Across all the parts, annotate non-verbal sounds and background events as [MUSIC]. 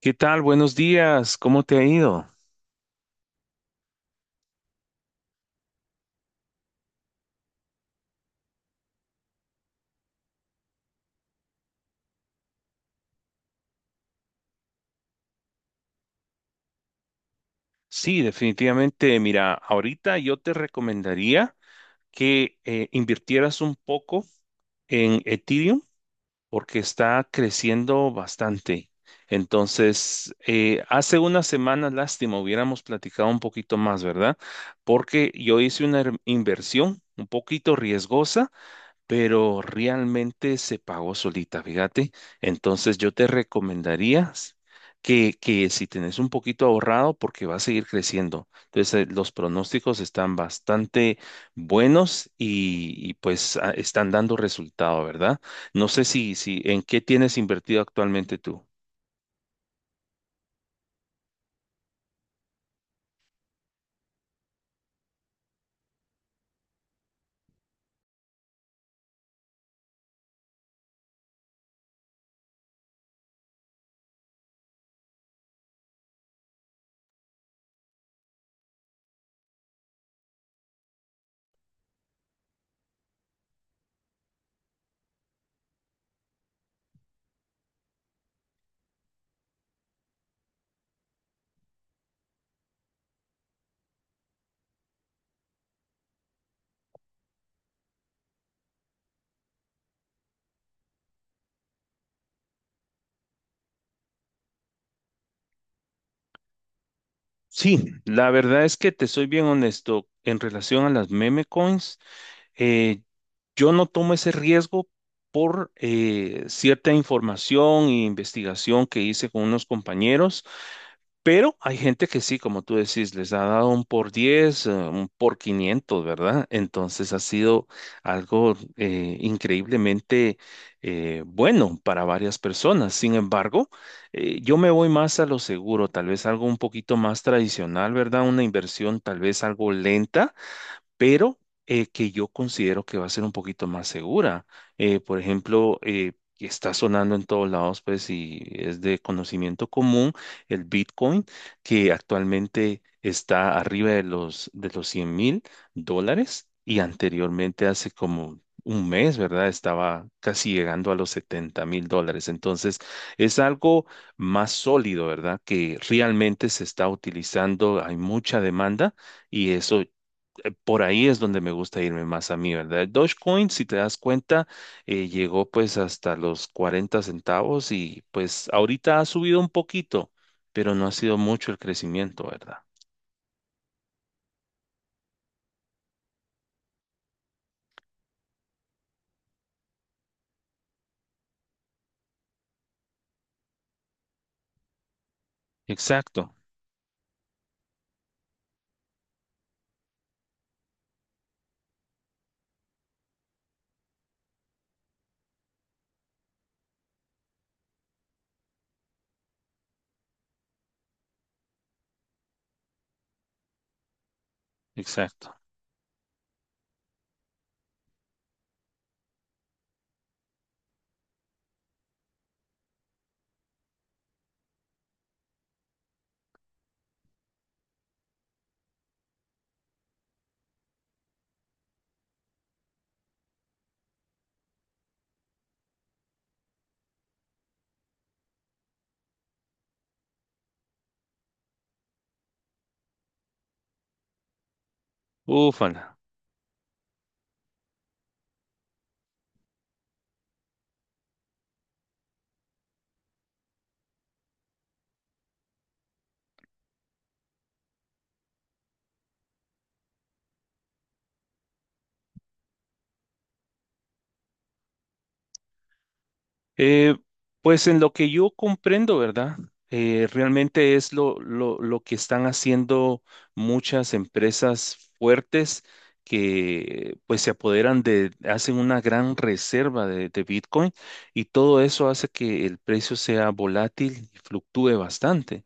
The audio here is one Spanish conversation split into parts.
¿Qué tal? Buenos días. ¿Cómo te ha ido? Sí, definitivamente. Mira, ahorita yo te recomendaría que invirtieras un poco en Ethereum porque está creciendo bastante. Entonces, hace una semana, lástima, hubiéramos platicado un poquito más, ¿verdad? Porque yo hice una inversión un poquito riesgosa pero realmente se pagó solita, fíjate. Entonces yo te recomendaría que si tenés un poquito ahorrado, porque va a seguir creciendo. Entonces los pronósticos están bastante buenos y, pues están dando resultado, ¿verdad? No sé si en qué tienes invertido actualmente tú. Sí, la verdad es que te soy bien honesto. En relación a las meme coins, eh, Yo no tomo ese riesgo por cierta información e investigación que hice con unos compañeros, pero hay gente que sí, como tú decís, les ha dado un por 10, un por 500, ¿verdad? Entonces ha sido algo increíblemente bueno para varias personas. Sin embargo, yo me voy más a lo seguro, tal vez algo un poquito más tradicional, ¿verdad? Una inversión tal vez algo lenta pero que yo considero que va a ser un poquito más segura. Por ejemplo, está sonando en todos lados, pues, y es de conocimiento común el Bitcoin, que actualmente está arriba de los 100.000 dólares y anteriormente hace como un mes, ¿verdad? Estaba casi llegando a los 70.000 dólares. Entonces, es algo más sólido, ¿verdad? Que realmente se está utilizando, hay mucha demanda y eso. Por ahí es donde me gusta irme más a mí, ¿verdad? Dogecoin, si te das cuenta, llegó pues hasta los 40 centavos y pues ahorita ha subido un poquito, pero no ha sido mucho el crecimiento, ¿verdad? Exacto, exacto. Ufala. Eh, pues en lo que yo comprendo, ¿verdad? Realmente es lo que están haciendo muchas empresas fuertes que pues se apoderan de, hacen una gran reserva de Bitcoin y todo eso hace que el precio sea volátil y fluctúe bastante.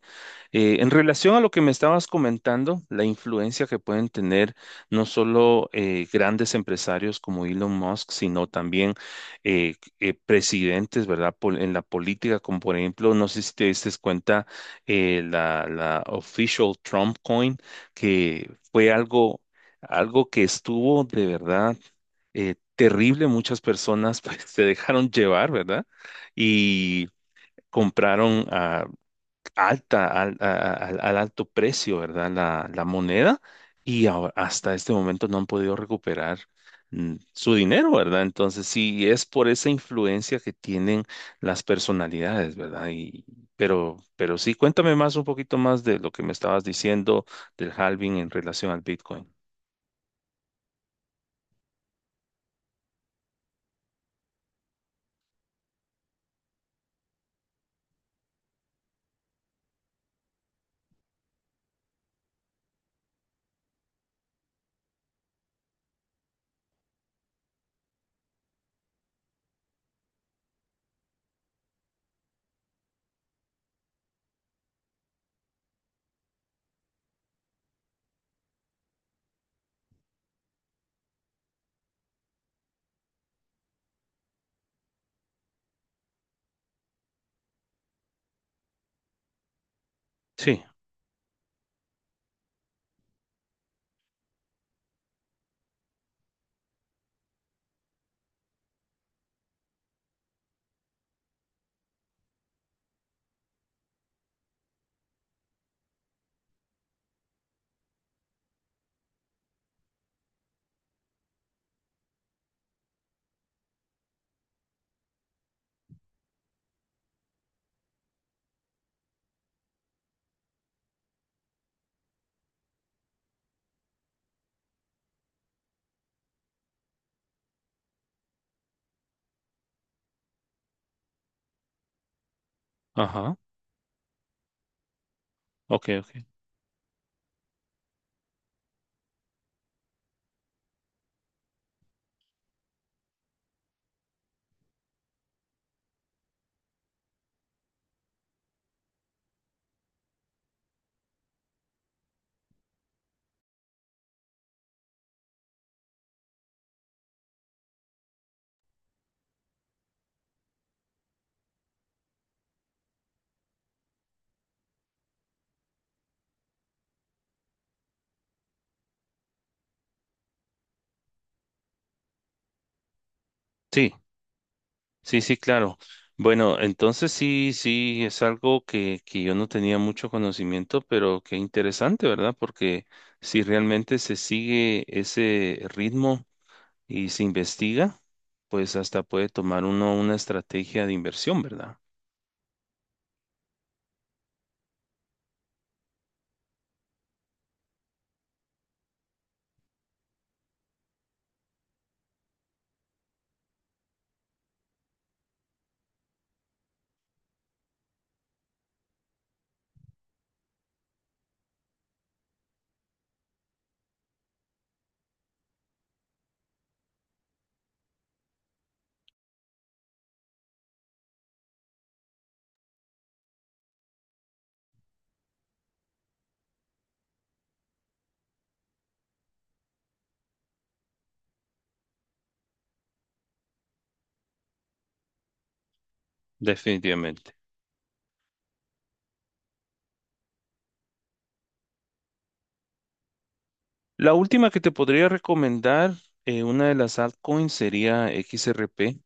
En relación a lo que me estabas comentando, la influencia que pueden tener no solo grandes empresarios como Elon Musk, sino también presidentes, ¿verdad? En la política, como por ejemplo, no sé si te diste cuenta, la official Trump coin, que fue algo que estuvo de verdad terrible. Muchas personas pues, [LAUGHS] se dejaron llevar, ¿verdad? Y compraron, alta, al, a- al- alto precio, ¿verdad? La moneda y hasta este momento no han podido recuperar su dinero, ¿verdad? Entonces, sí, es por esa influencia que tienen las personalidades, ¿verdad? Pero sí, cuéntame más un poquito más de lo que me estabas diciendo del halving en relación al Bitcoin. Sí, ajá, ok, ok. Sí. Sí, sí, claro. Bueno, entonces sí, sí, es algo que yo no tenía mucho conocimiento, pero qué interesante, ¿verdad? Porque si realmente se sigue ese ritmo y se investiga, pues hasta puede tomar uno una estrategia de inversión, ¿verdad? Definitivamente. La última que te podría recomendar, una de las altcoins sería XRP,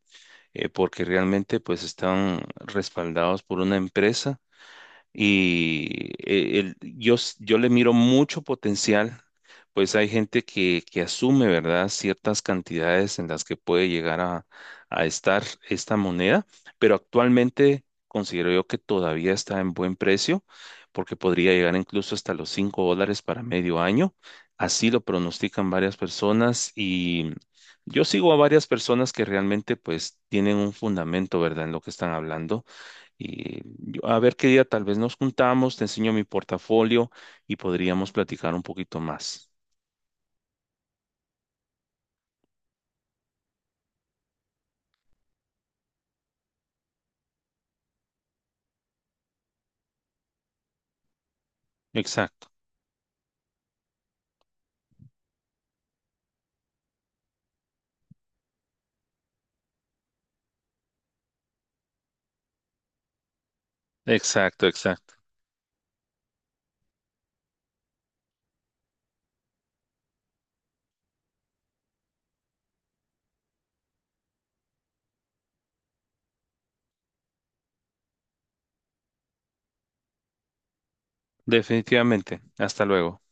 porque realmente pues están respaldados por una empresa y yo le miro mucho potencial, pues hay gente que asume, ¿verdad?, ciertas cantidades en las que puede llegar a estar esta moneda, pero actualmente considero yo que todavía está en buen precio, porque podría llegar incluso hasta los 5 dólares para medio año. Así lo pronostican varias personas y yo sigo a varias personas que realmente pues tienen un fundamento, ¿verdad?, en lo que están hablando y a ver qué día tal vez nos juntamos, te enseño mi portafolio y podríamos platicar un poquito más. Exacto, exacto, exacto. Definitivamente. Hasta luego.